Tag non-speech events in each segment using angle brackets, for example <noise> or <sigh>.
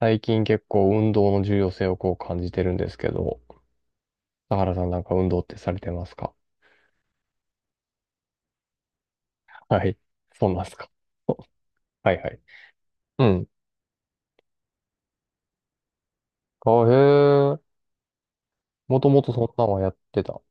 最近結構運動の重要性をこう感じてるんですけど、田原さんなんか運動ってされてますか？はい。そうなんですか。<laughs> おはいはい。うん。あ、へえ。もともとそんなんはやってた。あ、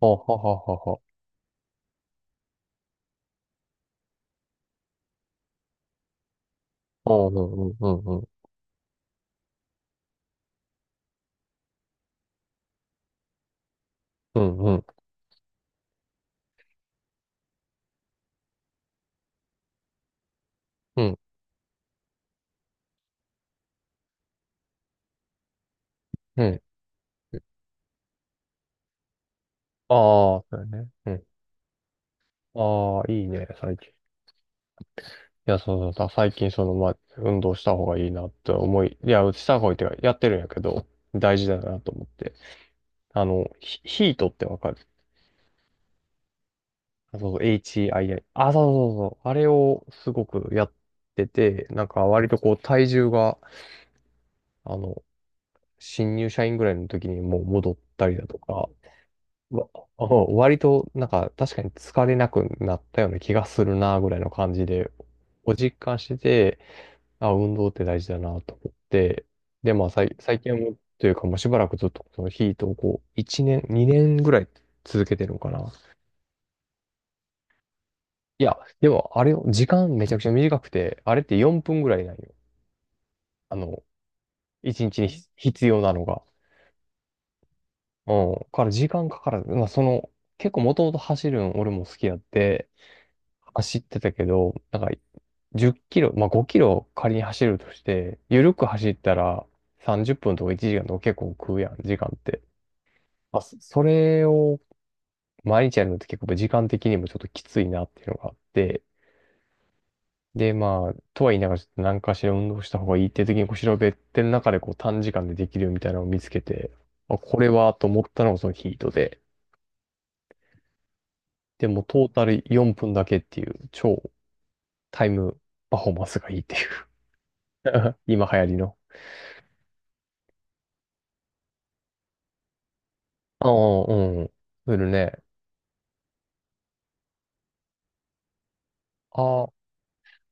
はははは。あ、うんうんうんうん。うんうん。うん。うん。ああ、そうよね。うん。ああ、いいね、最近。いや、そうそうだ。最近、その、まあ、運動した方がいいなって思い、いや、した方がいいっていうか、やってるんやけど、大事だなと思って。あの、ヒートってわかる？そうそう、HII。あ、そうそうそうそう。あれをすごくやってて、なんか割とこう体重が、あの、新入社員ぐらいの時にもう戻ったりだとか、わ、あ、割となんか確かに疲れなくなったような気がするな、ぐらいの感じで、実感してて、あ、運動って大事だな、と思って、で、まあ、最近はもう、というかもうしばらくずっとそのヒートをこう、1年、2年ぐらい続けてるのかな。いや、でもあれよ、時間めちゃくちゃ短くて、あれって4分ぐらいなんよ。あの、1日に必要なのが。うん。から時間かからず、まあその、結構もともと走るん俺も好きやって、走ってたけど、なんか10キロ、まあ5キロ仮に走るとして、緩く走ったら30分とか1時間とか結構食うやん、時間って。まあ、それを毎日やるのって結構時間的にもちょっときついなっていうのがあって、で、まあ、とは言いながら、ちょっと何かしら運動した方がいいっていう時に、こう、調べての中で、こう、短時間でできるみたいなのを見つけて、あ、これは、と思ったのがそのヒートで、でも、トータル4分だけっていう、超タイムパフォーマンスがいいっていう <laughs> 今流行りの。ああ、うん。するね。ああ、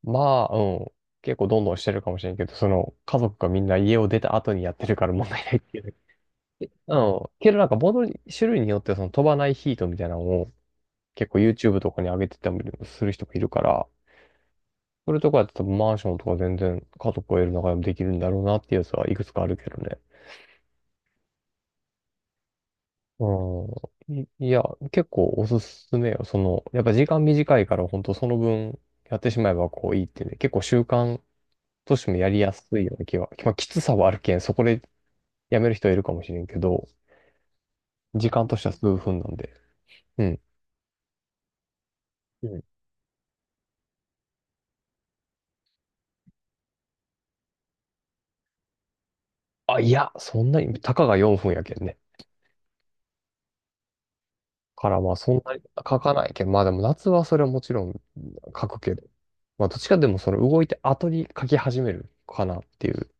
まあ、うん。結構どんどんしてるかもしれんけど、その、家族がみんな家を出た後にやってるから問題ないっていう。<laughs> うん。けどなんか、ボードに種類によってはその飛ばないヒートみたいなのを結構 YouTube とかに上げてたりもする人もいるから、それとかやって多分マンションとか全然家族を得る中でもできるんだろうなっていうやつはいくつかあるけどね。うん。いいや、結構おすすめよ。その、やっぱ時間短いから本当その分やってしまえばこういいってね、結構習慣としてもやりやすいような気は、まあきつさはあるけん、そこでやめる人はいるかもしれんけど、時間としては数分なんで。うん。うん、あ、いや、そんなに、たかが4分やけんね。から、まあ、そんなに書かないけど、まあでも夏はそれはもちろん書くけど、まあ、どっちかでもその動いて後に書き始めるかなっていう。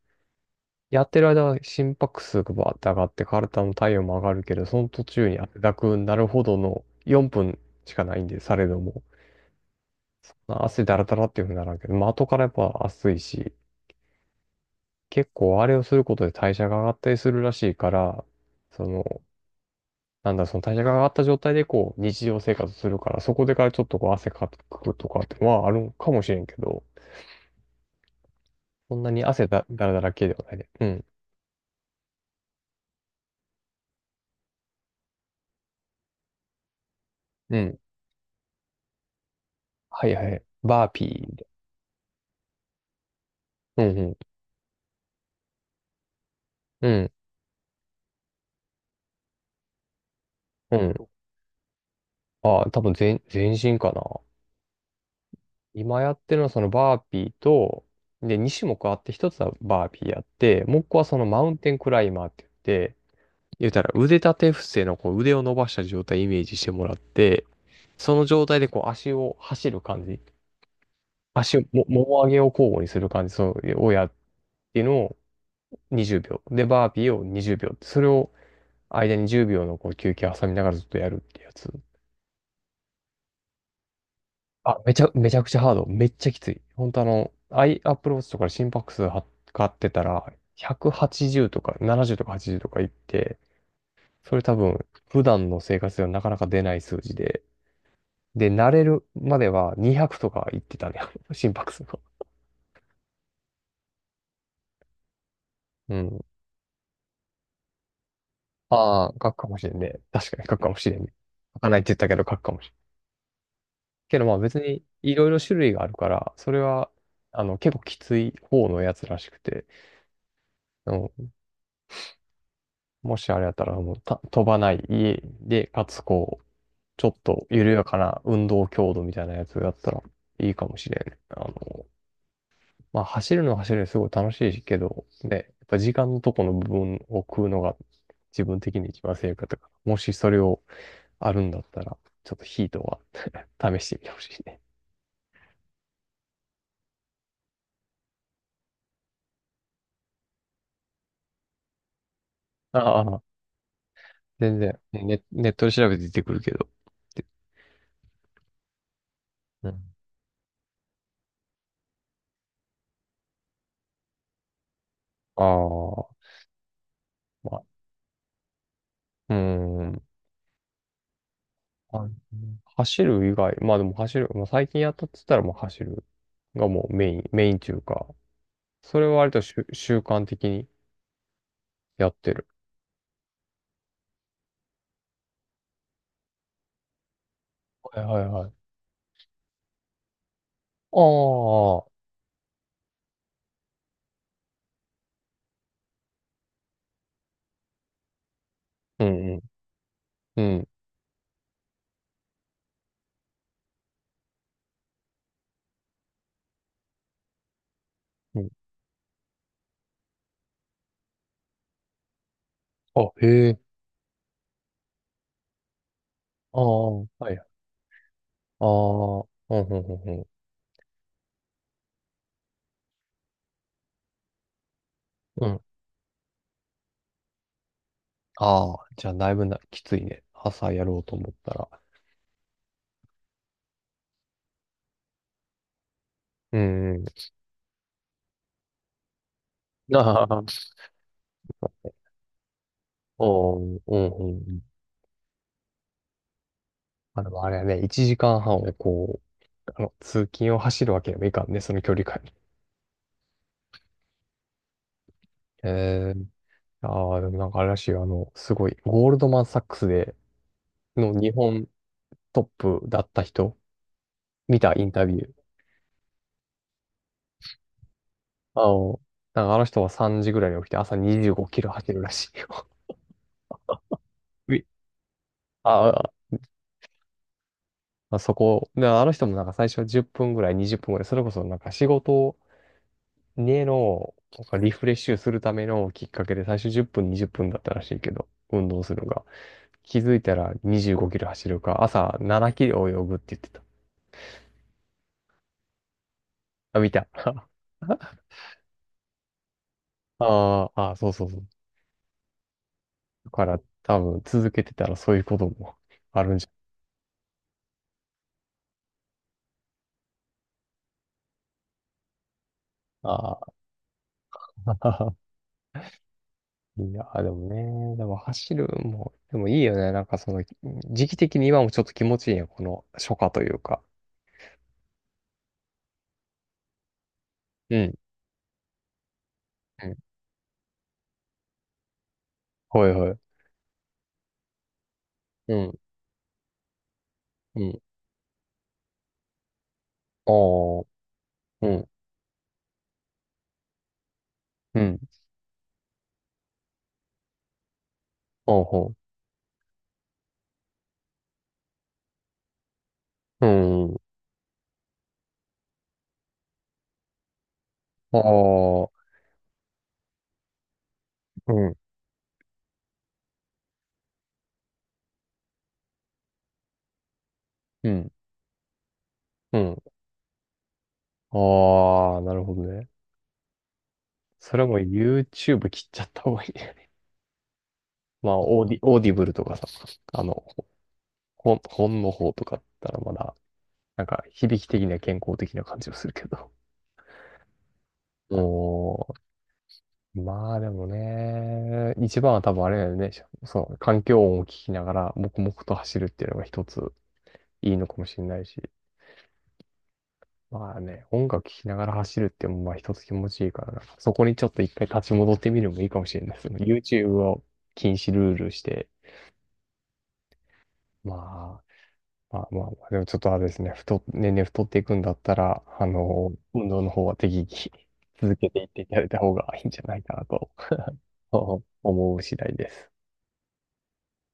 やってる間は心拍数がバーって上がって、体の体温も上がるけど、その途中に汗だくになるほどの4分しかないんで、されども。まあ、汗だらだらっていうふうにならんけど、まあ、後からやっぱ暑いし、結構あれをすることで代謝が上がったりするらしいから、その、なんだ、その代謝が上がった状態でこう、日常生活するから、そこでからちょっとこう、汗かくとかってのはあるんかもしれんけど、そんなにだらだら系ではないで。うん。うん。はいはい。バーピーで。うんうん。うん。うん。ああ、多分全身かな。今やってるのはそのバーピーと、で、2種目あって、1つはバーピーやって、もう1個はそのマウンテンクライマーって言って、言うたら腕立て伏せのこう腕を伸ばした状態イメージしてもらって、その状態でこう足を走る感じ。足を、も、もも上げを交互にする感じ、そう、をやっていうのを20秒。で、バーピーを20秒。それを間に10秒のこう休憩挟みながらずっとやるってやつ。あ、めちゃくちゃハード。めっちゃきつい。本当あの、アップローチとかで心拍数は測ってたら、180とか70とか80とかいって、それ多分、普段の生活ではなかなか出ない数字で。で、慣れるまでは200とかいってたね。<laughs> 心拍数が。うん。ああ、書くかもしれんね。確かに書くかもしれんね。書かないって言ったけど書くかもしれん。けどまあ別にいろいろ種類があるから、それは、あの、結構きつい方のやつらしくて、あの、もしあれやったらもう飛ばない家で、かつこう、ちょっと緩やかな運動強度みたいなやつだったらいいかもしれんね。あの、まあ走るのは走るですごい楽しいけど、ね、やっぱ時間のとこの部分を食うのが自分的に一番正解だから、もしそれをあるんだったら、ちょっとヒートは試してみてほしいね。ああ、全然。ネットで調べて出てくるけど。で、うん。ああ、まあ、うーん。あ走る以外、まあでも走る、まあ、最近やったって言ったらもう走るがもうメイン中か。それは割と習慣的にやってる。はいはいはい。ああ、うんうん、うん、うん。あ、へえ、ああ、はい。ああ、うん、うん、うん、うん。うん、ああ、じゃあだいぶな、きついね。朝やろうと思ったら。うん、うん <laughs> ああ、おーうんうんうん。あ、でもあれはね、1時間半をこう、あの、通勤を走るわけにもいかんね、その距離感。えー、ああ、でもなんかあれらしいよ、あの、すごい、ゴールドマン・サックスでの日本トップだった人、見たインタビュー。あの、なんかあの人は3時ぐらいに起きて朝25キロ走るらしいよ。<laughs> ういああ、あそこ、で、あの人もなんか最初は10分ぐらい、20分ぐらい、それこそなんか仕事根の、なんかリフレッシュするためのきっかけで最初10分、20分だったらしいけど、運動するのが。気づいたら25キロ走るか、朝7キロ泳ぐって言ってた。あ、見た。<laughs> あーあー、そうそうそう。だから多分続けてたらそういうこともあるんじゃん。ああ。<laughs> いや、でもね、でも走るも、でもいいよね。なんかその、時期的に今もちょっと気持ちいいやん、この初夏というか。うん。うん。ほいほい。うん。うん。おー。うん。うん。ほうほう。うん。ああ、うん、うん、うん。ああ、なるほどね。それはもう YouTube 切っちゃった方がいいね。<laughs> まあ、オーディブルとかさ、あの、本の方とかだったらまだ、なんか響き的には健康的な感じもするけど。おう、まあでもね、一番は多分あれだよね。その環境音を聞きながら黙々と走るっていうのが一ついいのかもしれないし。まあね、音楽聴きながら走るってもまあ一つ気持ちいいからな。そこにちょっと一回立ち戻ってみるのもいいかもしれないですね。YouTube を禁止ルールして、まあ、まあまあまあ、でもちょっとあれですね、年々太っていくんだったら、あの、運動の方は適宜続けていっていただいた方がいいんじゃないかなと <laughs> 思う次第です。